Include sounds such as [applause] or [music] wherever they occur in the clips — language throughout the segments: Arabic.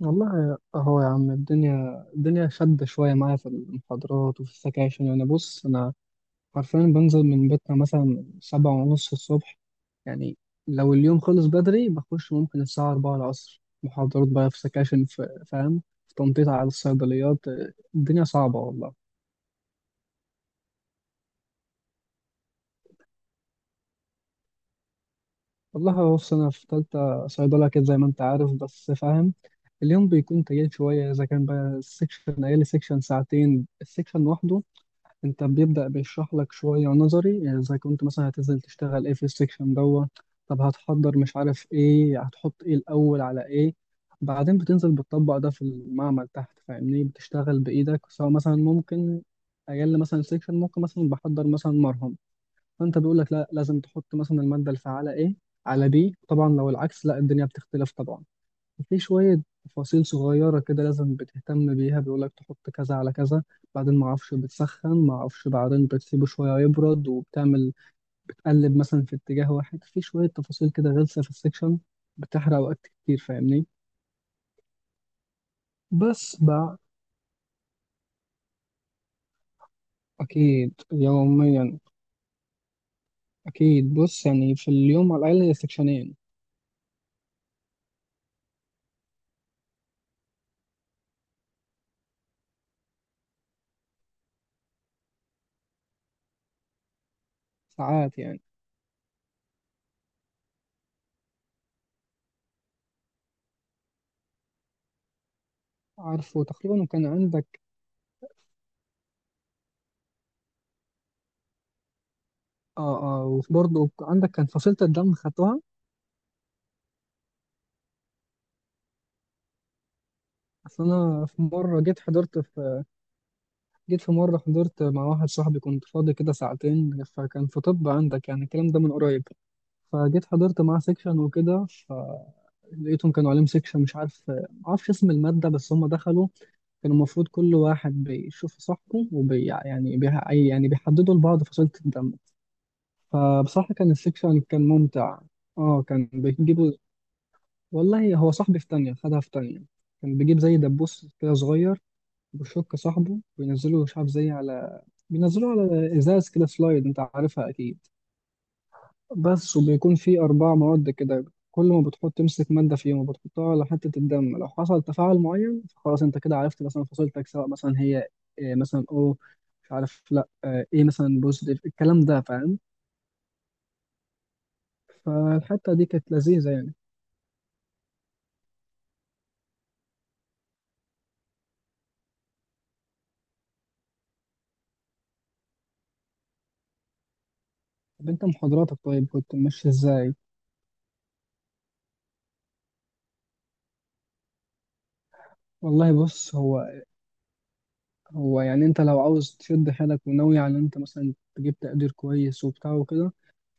والله اهو يا عم الدنيا شدة شوية معايا في المحاضرات وفي السكاشن. يعني بص أنا حرفيا بنزل من بيتنا مثلا 7:30 الصبح، يعني لو اليوم خلص بدري بخش ممكن الساعة أربعة العصر محاضرات، بقى في سكاشن، في فاهم، في تنطيط على الصيدليات. الدنيا صعبة والله. والله بص أنا في تالتة صيدلة كده زي ما أنت عارف، بس فاهم اليوم بيكون تقيل شوية. إذا كان بقى السكشن، أقل سكشن ساعتين السكشن لوحده. انت بيبدأ بيشرح لك شوية نظري، يعني زي كنت مثلا هتنزل تشتغل ايه في السكشن دوت. طب هتحضر، مش عارف ايه، هتحط ايه الأول على ايه. بعدين بتنزل بتطبق ده في المعمل تحت، فاهمني، بتشتغل بإيدك سواء مثلا ممكن أجل مثلا سكشن ممكن مثلا بحضر مثلا مرهم، فأنت بيقول لك لا لازم تحط مثلا المادة الفعالة ايه على بي طبعا، لو العكس لا الدنيا بتختلف طبعا. في شوية تفاصيل صغيرة كده لازم بتهتم بيها، بيقولك تحط كذا على كذا، بعدين معرفش بتسخن، معرفش بعدين بتسيبه شوية يبرد وبتعمل، بتقلب مثلا في اتجاه واحد، في شوية تفاصيل كده غلسة في السكشن، بتحرق وقت كتير فاهمني. بس بقى، أكيد يوميا. أكيد بص يعني في اليوم على الأقل هي سكشنين، ساعات يعني. عارفه تقريبا، وكان عندك، اه اه، وبرضه عندك كان فصيلة الدم خدتوها. أصل أنا في مرة جيت حضرت في، جيت في مرة حضرت مع واحد صاحبي كنت فاضي كده ساعتين، فكان في طب عندك يعني الكلام ده من قريب، فجيت حضرت معاه سيكشن وكده، فلقيتهم كانوا عليهم سيكشن مش عارف، معرفش اسم المادة، بس هم دخلوا كان المفروض كل واحد بيشوف صاحبه وبي يعني بي يعني بيحددوا لبعض فصيلة الدم. فبصراحة كان السيكشن كان ممتع. اه كان بيجيبوا، والله هو صاحبي في تانية خدها في تانية، كان بيجيب زي دبوس كده صغير بشوك صاحبه بينزله مش عارف زي على، بينزله على ازاز كده سلايد انت عارفها اكيد. بس وبيكون فيه اربع مواد كده، كل ما بتحط، تمسك ماده فيهم وبتحطها على حته الدم، لو حصل تفاعل معين فخلاص انت كده عرفت مثلا فصيلتك، سواء مثلا هي إيه مثلا او مش عارف، لا آه، ايه مثلا بوزيتيف، الكلام ده فاهم. فالحته دي كانت لذيذه يعني. طب انت محاضراتك، طيب كنت ماشي ازاي؟ والله بص، هو يعني انت لو عاوز تشد حيلك وناوي على ان انت مثلا تجيب تقدير كويس وبتاع وكده،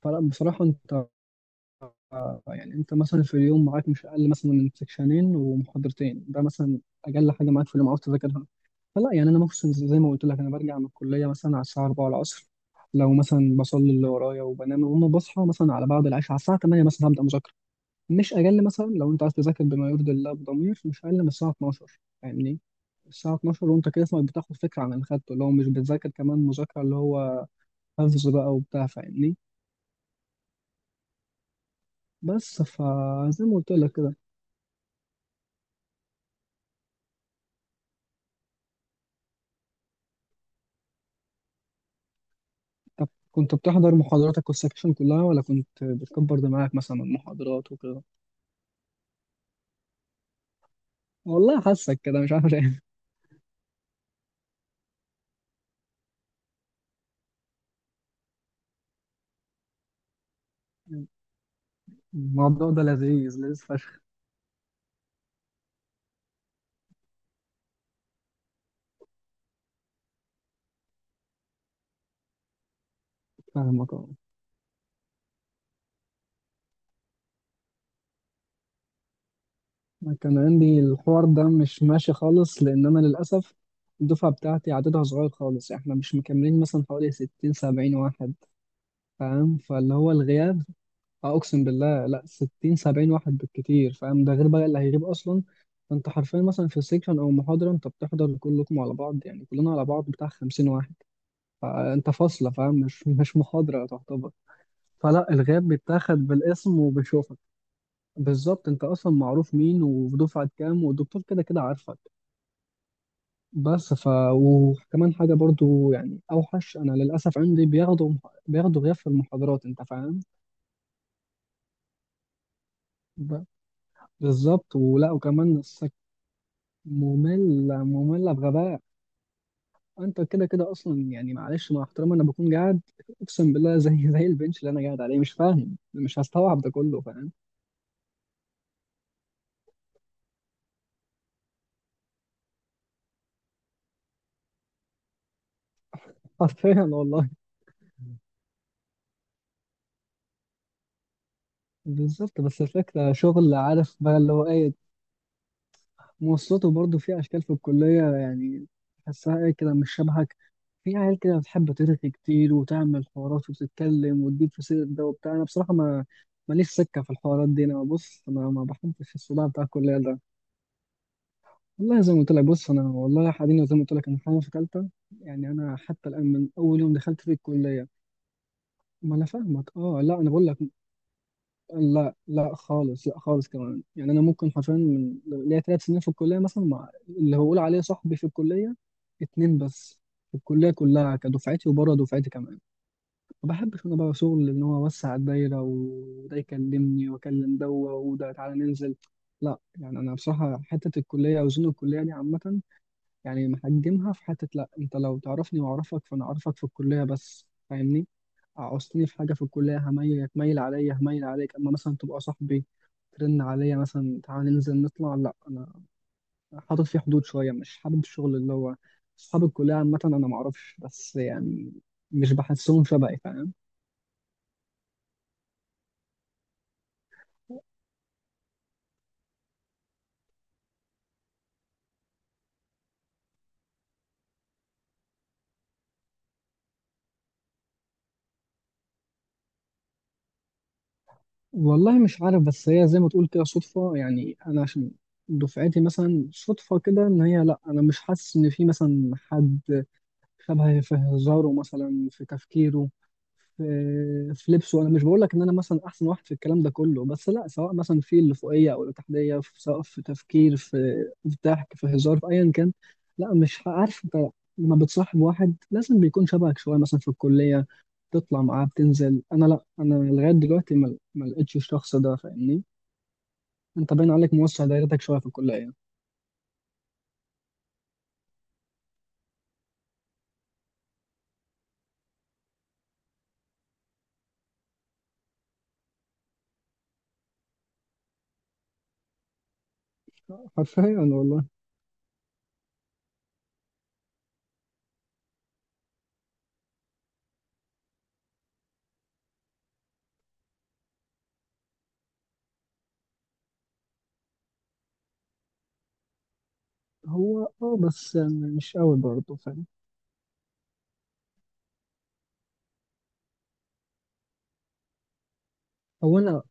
فلا بصراحة انت، يعني انت مثلا في اليوم معاك مش اقل مثلا من سكشنين ومحاضرتين، ده مثلا اقل حاجة معاك في اليوم عاوز تذاكرها. فلا يعني انا ممكن زي ما قلت لك، انا برجع من الكلية مثلا على الساعة 4 العصر، لو مثلا بصلي اللي ورايا وبنام، وما بصحى مثلا على بعد العشاء على الساعة 8 مثلا هبدأ مذاكرة، مش اقل مثلا. لو انت عايز تذاكر بما يرضي الله بضمير، مش اقل من الساعه 12 فاهمني. الساعه 12 وانت كده اسمك بتاخد فكره عن اللي خدته، اللي هو مش بتذاكر كمان مذاكره، اللي هو حفظ بقى وبتاع فاهمني. بس فزي ما قلت لك كده. طب كنت بتحضر محاضراتك والسكشن كلها، ولا كنت بتكبر دماغك مثلا من المحاضرات وكده؟ والله حاسك كده مش عارف ليه. [laughs] الموضوع ده لذيذ لذيذ فشخ. فاهمك. أنا كان عندي الحوار ده مش ماشي خالص، لأن أنا للأسف الدفعة بتاعتي عددها صغير خالص، إحنا مش مكملين مثلا حوالي 60 70 واحد، فاهم، فاللي هو الغياب، أقسم بالله لأ 60 70 واحد بالكتير فاهم، ده غير بقى اللي هيغيب أصلا. فأنت حرفيا مثلا في سيكشن أو محاضرة أنت بتحضر كلكم على بعض، يعني كلنا على بعض بتاع 50 واحد، فأنت فاصلة فاهم، مش محاضرة تعتبر. فلا الغياب بيتاخد بالاسم، وبيشوفك بالظبط، انت اصلا معروف مين ودفعة كام، والدكتور كده كده عارفك. بس ف، وكمان حاجة برضو يعني أوحش، أنا للأسف عندي بياخدوا غياب في المحاضرات، أنت فاهم. ب- بالظبط، ولا وكمان مملة مملة بغباء. أنت كده كده أصلا يعني معلش مع احترامي أنا بكون قاعد، أقسم بالله، [laughs] زي البنش اللي أنا قاعد عليه، مش فاهم مش هستوعب ده كله فاهم. [laughs] حرفيا والله. بالظبط، بس الفكرة شغل عارف بقى اللي هو إيه، مواصلاته برضو في أشكال في الكلية يعني، تحسها إيه كده مش شبهك، في عيال كده بتحب ترغي كتير وتعمل حوارات وتتكلم وتجيب في سيرة ده وبتاع. أنا بصراحة ما ماليش سكة في الحوارات دي. أنا بص، أنا ما بحبش الصداع بتاع الكلية ده. والله زي ما قلت لك بص، أنا والله حاليا زي ما قلت لك أنا حاليا في تالتة، يعني أنا حتى الآن من أول يوم دخلت في الكلية، ما أنا فاهمك. أه لا أنا بقول لك، لا لا خالص، لا خالص كمان، يعني أنا ممكن حرفيا من ليا 3 سنين في الكلية مثلا، مع اللي هقول عليه صاحبي في الكلية اتنين بس، في الكلية كلها كدفعتي وبره دفعتي كمان. ما بحبش انا بقى شغل ان هو اوسع الدايره وده يكلمني واكلم ده، وده تعالى ننزل، لا يعني انا بصراحه حته الكليه او زون الكليه دي عامه، يعني محجمها في حته. لا انت لو تعرفني واعرفك، فانا اعرفك في الكليه بس فاهمني. عوزتني في حاجه في الكليه هتميل عليا، هميل عليك، اما مثلا تبقى صاحبي ترن عليا مثلا تعالى ننزل نطلع، لا انا حاطط فيه حدود شويه، مش حابب الشغل اللي هو اصحاب الكليه عامه، انا معرفش بس يعني، مش بحسهم شبهي فاهم. والله مش عارف، بس هي زي ما تقول كده صدفة، يعني أنا عشان دفعتي مثلا صدفة كده، إن هي لأ أنا مش حاسس إن في مثلا حد شبهي في هزاره، مثلا في تفكيره، في في لبسه. انا مش بقول لك ان انا مثلا احسن واحد في الكلام ده كله، بس لا، سواء مثلا في اللي فوقيه او اللي تحتيه سواء في تفكير في في ضحك في هزار في ايا كان، لا مش ه- عارف انت، لما بتصاحب واحد لازم بيكون شبهك شويه، مثلا في الكليه تطلع معاه بتنزل، انا لا، انا لغايه دلوقتي ما لقيتش الشخص ده فاهمني. انت باين عليك موسع دايرتك شويه في الكليه. حرفيا والله. هو اه، بس يعني مش قوي برضه فاهم. هو انا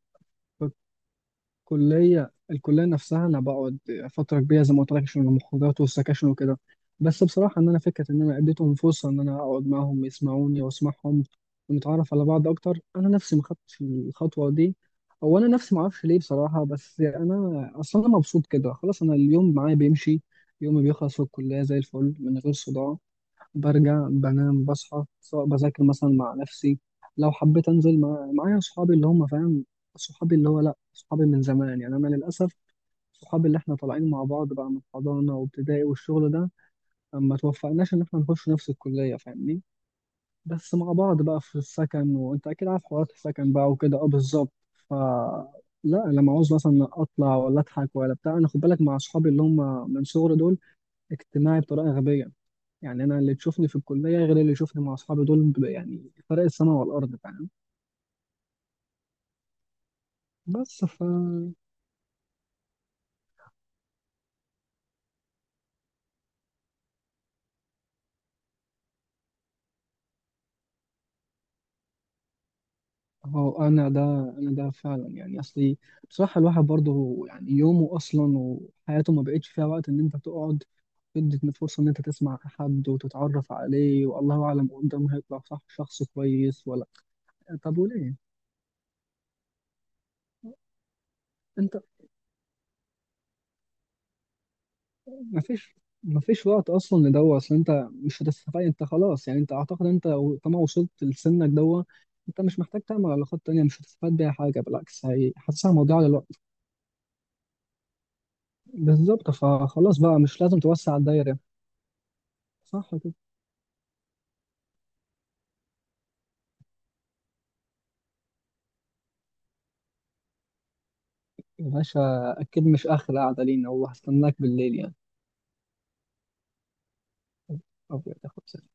كلية الكلية نفسها أنا بقعد فترة كبيرة زي ما قلت لك عشان المخرجات والسكاشن وكده بس بصراحة إن أنا فكرة إن أنا اديتهم فرصة إن أنا أقعد معاهم يسمعوني وأسمعهم ونتعرف على بعض أكتر أنا نفسي ما خدتش الخطوة دي أو أنا نفسي ما أعرفش ليه بصراحة بس أنا أصلا أنا مبسوط كده خلاص أنا اليوم معايا بيمشي يومي بيخلص في الكلية زي الفل من غير صداع برجع بنام بصحى سواء بذاكر مثلا مع نفسي لو حبيت انزل مع... معايا صحابي اللي هم فاهم صحابي اللي هو لا صحابي من زمان يعني انا للاسف صحابي اللي احنا طالعين مع بعض بقى من حضانه وابتدائي والشغل ده ما توفقناش ان احنا نخش نفس الكليه فاهمني بس مع بعض بقى في السكن وانت اكيد عارف حوارات السكن بقى وكده اه بالظبط ف لا لما عاوز مثلا اطلع ولا اضحك ولا بتاع انا خد بالك مع صحابي اللي هم من صغري دول اجتماعي بطريقه غبيه يعني انا اللي تشوفني في الكليه غير اللي يشوفني مع اصحابي دول ب- يعني فرق السماء والارض فاهم بس ف هو انا ده انا ده فعلا يعني اصلي، بصراحه الواحد برضه يعني يومه اصلا وحياته ما بقتش فيها وقت ان انت تقعد تدي فرصه ان انت تسمع حد وتتعرف عليه، والله اعلم قدامه هيطلع صح، شخص كويس ولا. طب وليه، انت مفيش مفيش وقت اصلا لدوا، اصل انت مش هتستفاد، انت خلاص يعني انت اعتقد انت طالما وصلت لسنك دوا، انت مش محتاج تعمل علاقات تانية، مش هتستفاد بيها حاجة، بالعكس هي حاسسها مضيعة للوقت. بالظبط، فخلاص بقى مش لازم توسع الدايرة. صح كده. يا باشا، اكيد مش اخر قعدة لينا والله، هستناك بالليل يعني. أبيض يا أخويا.